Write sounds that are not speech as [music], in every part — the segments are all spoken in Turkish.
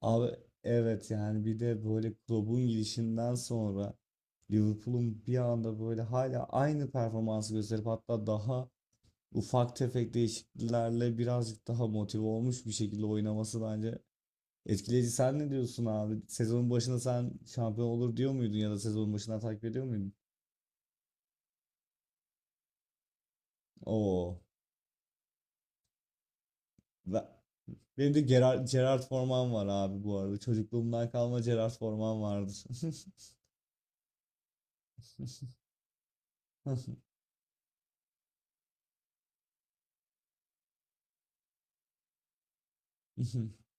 Abi evet yani bir de böyle Klopp'un gidişinden sonra Liverpool'un bir anda böyle hala aynı performansı gösterip hatta daha ufak tefek değişikliklerle birazcık daha motive olmuş bir şekilde oynaması bence etkileyici. Sen ne diyorsun abi? Sezonun başında sen şampiyon olur diyor muydun ya da sezonun başından takip ediyor muydun? Oo. Ben- Benim de Gerard Forman var abi bu arada. Çocukluğumdan kalma Gerard Forman vardır. [laughs]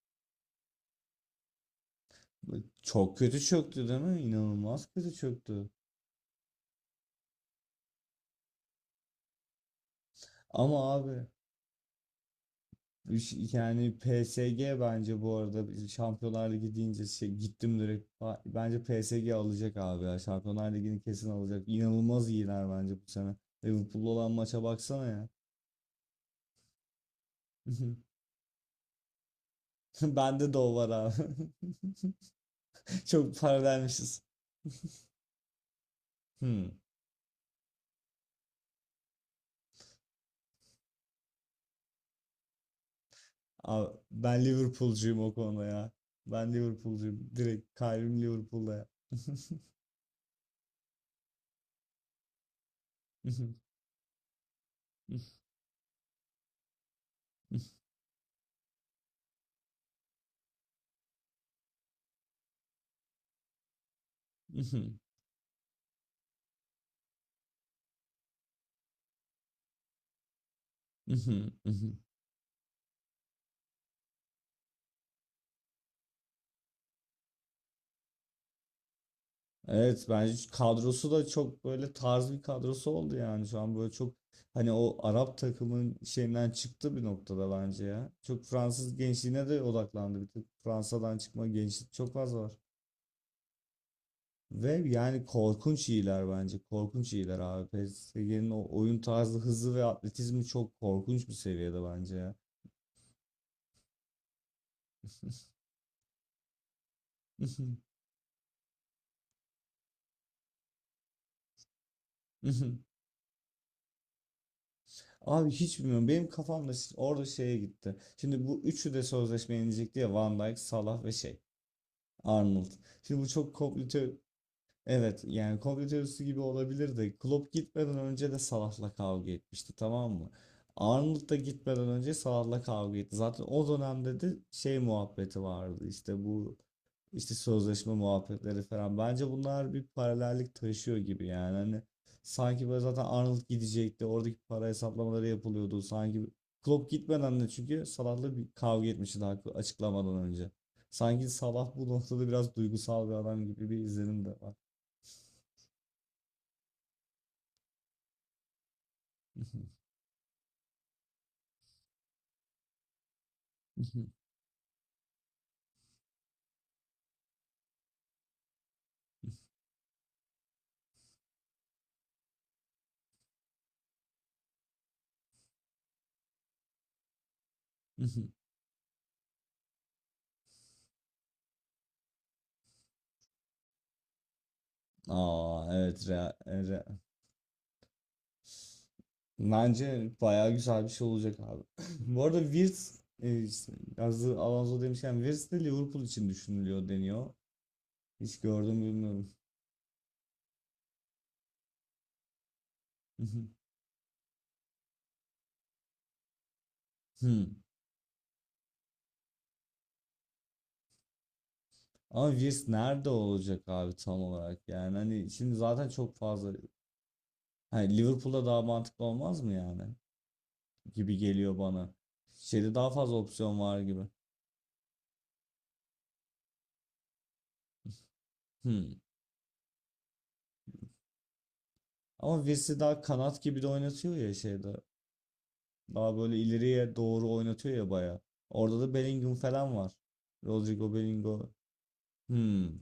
Çok kötü çöktü değil mi? İnanılmaz kötü çöktü. Ama abi yani PSG bence bu arada biz Şampiyonlar Ligi deyince gittim direkt. Bence PSG alacak abi ya. Şampiyonlar Ligi'ni kesin alacak. İnanılmaz iyiler bence bu sene. Liverpool'la olan maça baksana ya. [laughs] Bende de o var abi. [laughs] Çok para vermişiz. Hmm. Abi, ben Liverpool'cuyum o konuda ya. Ben Liverpool'cuyum. Direkt kalbim Liverpool'da ya. [laughs] Hı hı, hı hı. Evet, bence kadrosu da çok böyle tarz bir kadrosu oldu yani şu an böyle çok hani o Arap takımın şeyinden çıktı bir noktada bence ya. Çok Fransız gençliğine de odaklandı bir tık. Fransa'dan çıkma gençlik çok fazla var. Ve yani korkunç iyiler bence. Korkunç iyiler abi. PSG'nin o oyun tarzı, hızı ve atletizmi çok korkunç bir seviyede bence ya. [laughs] Abi hiç bilmiyorum. Benim kafamda orada şeye gitti. Şimdi bu üçü de sözleşme yenecek diye Van Dijk, Salah ve şey. Arnold. Şimdi bu çok komplike. Evet yani komplo teorisi gibi olabilir de Klopp gitmeden önce de Salah'la kavga etmişti, tamam mı? Arnold da gitmeden önce Salah'la kavga etti. Zaten o dönemde de şey muhabbeti vardı, işte bu işte sözleşme muhabbetleri falan. Bence bunlar bir paralellik taşıyor gibi yani hani sanki böyle zaten Arnold gidecekti, oradaki para hesaplamaları yapılıyordu sanki Klopp gitmeden de, çünkü Salah'la bir kavga etmişti daha açıklamadan önce. Sanki Salah bu noktada biraz duygusal bir adam gibi bir izlenim de var. [laughs] Aa evet, Bence bayağı güzel bir şey olacak abi. [laughs] [clears throat] Bu arada Wirtz işte yazdığı Alonso demişken Wirtz de Liverpool için düşünülüyor deniyor. Hiç gördüm bilmiyorum. [laughs] Hmm. Ama Wirtz nerede olacak abi tam olarak yani hani şimdi zaten çok fazla hani Liverpool'da daha mantıklı olmaz mı yani gibi geliyor bana. Şeyde daha fazla opsiyon var gibi. Hmm. Ama Wirtz daha kanat gibi de oynatıyor ya şeyde. Daha böyle ileriye doğru oynatıyor ya baya. Orada da Bellingham falan var. Rodrigo Bellingham. Hmm.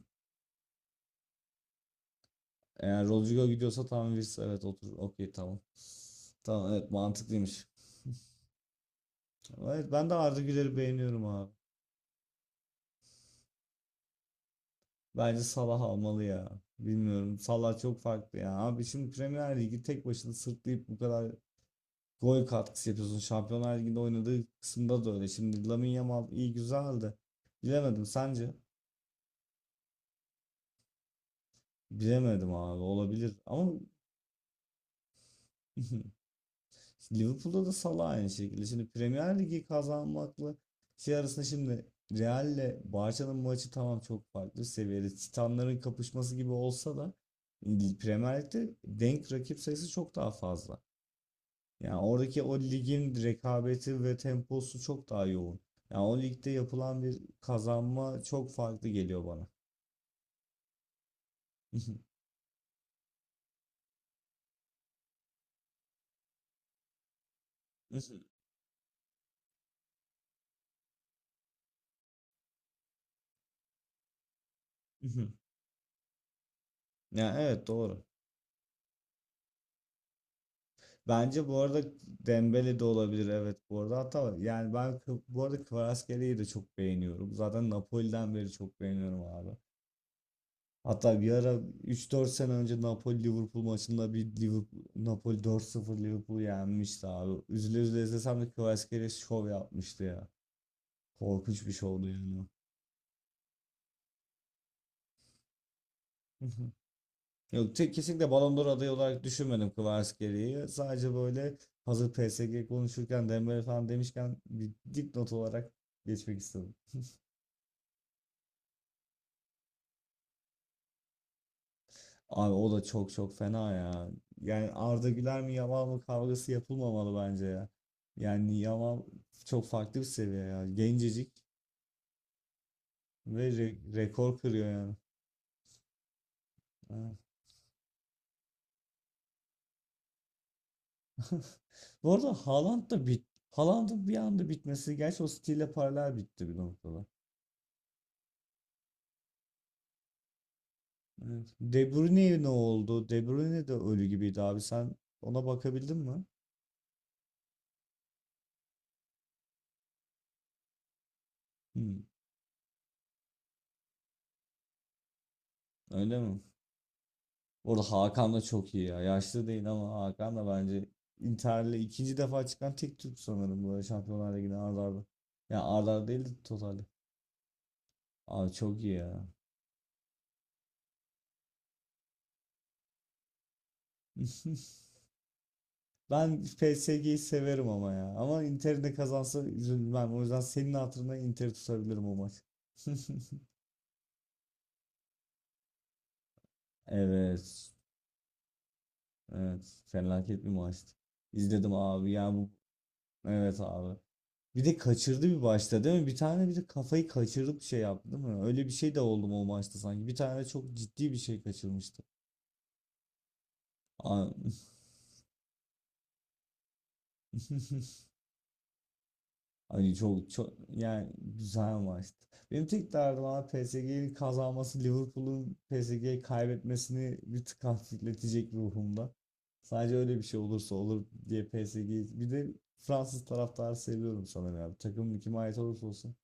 Eğer Rodrigo gidiyorsa tamam, Wirtz evet otur. Okey tamam. Tamam evet, mantıklıymış. Evet, ben de Arda Güler'i beğeniyorum abi. Bence Salah almalı ya. Bilmiyorum. Salah çok farklı ya. Abi şimdi Premier Ligi tek başına sırtlayıp bu kadar gol katkısı yapıyorsun. Şampiyonlar Ligi'nde oynadığı kısımda da öyle. Şimdi Lamine Yamal iyi güzeldi. Bilemedim, sence? Bilemedim abi, olabilir ama. [laughs] Liverpool'da da Salah aynı şekilde. Şimdi Premier Ligi kazanmakla şey arasında şimdi Real'le Barça'nın maçı tamam çok farklı seviyede. Titanların kapışması gibi olsa da Premier Lig'de denk rakip sayısı çok daha fazla. Yani oradaki o ligin rekabeti ve temposu çok daha yoğun. Yani o ligde yapılan bir kazanma çok farklı geliyor bana. [laughs] Yani evet doğru. Bence bu arada Dembele de olabilir evet bu arada, hatta yani ben bu arada Kvaratskhelia'yı da çok beğeniyorum. Zaten Napoli'den beri çok beğeniyorum abi. Hatta bir ara üç dört sene önce Napoli Liverpool maçında bir Liverpool Napoli dört sıfır Liverpool'u yenmişti abi. Üzüle üzüle izlesem de Kvaratskhelia şov yapmıştı ya. Korkunç bir şovdu yani. [laughs] Yok kesinlikle Ballon d'Or adayı olarak düşünmedim Kvaratskhelia'yı. Sadece böyle hazır PSG konuşurken Dembele falan demişken bir dipnot olarak geçmek istedim. Abi o da çok çok fena ya. Yani Arda Güler mi Yamal mı kavgası yapılmamalı bence ya. Yani Yamal çok farklı bir seviye ya. Gencecik ve rekor kırıyor yani. Ha. [laughs] Bu arada Haaland da bit. Haaland'ın bir anda bitmesi. Gerçi o stille paralel bitti bir noktada. Evet. De Bruyne ne oldu? De Bruyne de ölü gibiydi abi. Sen ona bakabildin mi? Hmm, öyle mi? Bu arada Hakan da çok iyi ya. Yaşlı değil ama Hakan da bence Inter'le ikinci defa çıkan tek Türk sanırım böyle Şampiyonlar Ligi'ne ard arda. Ya ard arda değil de totalde. Abi çok iyi ya. [laughs] Ben PSG'yi severim ama ya. Ama Inter'in de kazansa üzülmem. O yüzden senin hatırına Inter'i tutabilirim o maç. [laughs] Evet. Evet. Felaket bir maçtı. İzledim abi. Ya bu evet abi. Bir de kaçırdı bir başta değil mi? Bir tane, bir de kafayı kaçırıp şey yaptı değil mi? Öyle bir şey de oldu mu o maçta sanki. Bir tane çok ciddi bir şey kaçırmıştı. A- [laughs] Hani çok çok yani güzel maçtı. Benim tek derdim abi PSG'nin kazanması Liverpool'un PSG'yi kaybetmesini bir tık hafifletecek ruhumda. Sadece öyle bir şey olursa olur diye PSG'yi. Bir de Fransız taraftarı seviyorum sanırım abi. Takımın kime ait olursa olsun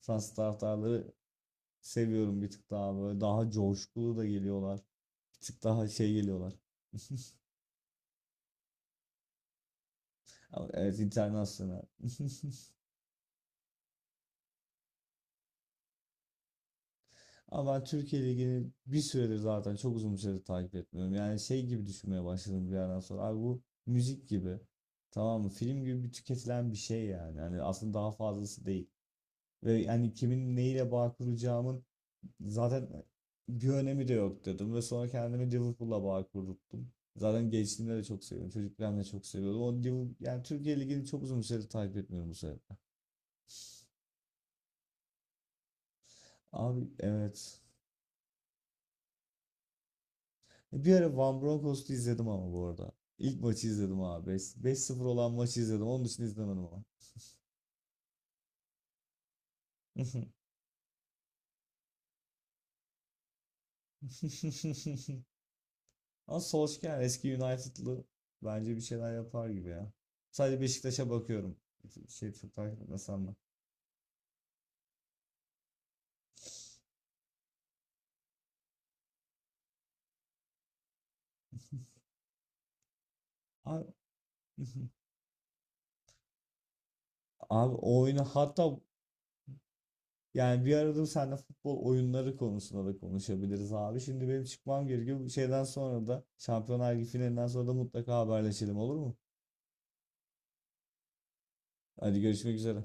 Fransız taraftarları seviyorum bir tık daha böyle, daha coşkulu da geliyorlar. Bir tık daha şey geliyorlar. Ama evet, internasyonel. [laughs] Ama ben Türkiye Ligi'ni bir süredir, zaten çok uzun bir süredir takip etmiyorum. Yani şey gibi düşünmeye başladım bir yerden sonra. Abi bu müzik gibi. Tamam mı? Film gibi bir tüketilen bir şey yani. Yani aslında daha fazlası değil. Ve yani kimin neyle bağ kuracağımın zaten bir önemi de yok dedim ve sonra kendimi Liverpool'la bağ kurdum. Zaten gençliğimde de çok seviyorum, çocukken de çok seviyordum. O Liverpool, yani Türkiye Ligi'ni çok uzun bir süredir takip etmiyorum bu sebeple. Abi evet. Bir ara Van Bronckhorst'u izledim ama bu arada. İlk maçı izledim abi. 5-0 olan maçı izledim. Onun dışında izlemedim ama. [laughs] Ama Solskjaer eski United'lı bence bir şeyler yapar gibi ya. Sadece Beşiktaş'a bakıyorum. Şey çok takip etmesem de. Abi [laughs] abi o oyunu hatta yani bir arada seninle futbol oyunları konusunda da konuşabiliriz abi. Şimdi benim çıkmam gerekiyor. Bu şeyden sonra da Şampiyonlar Ligi finalinden sonra da mutlaka haberleşelim, olur mu? Hadi görüşmek üzere.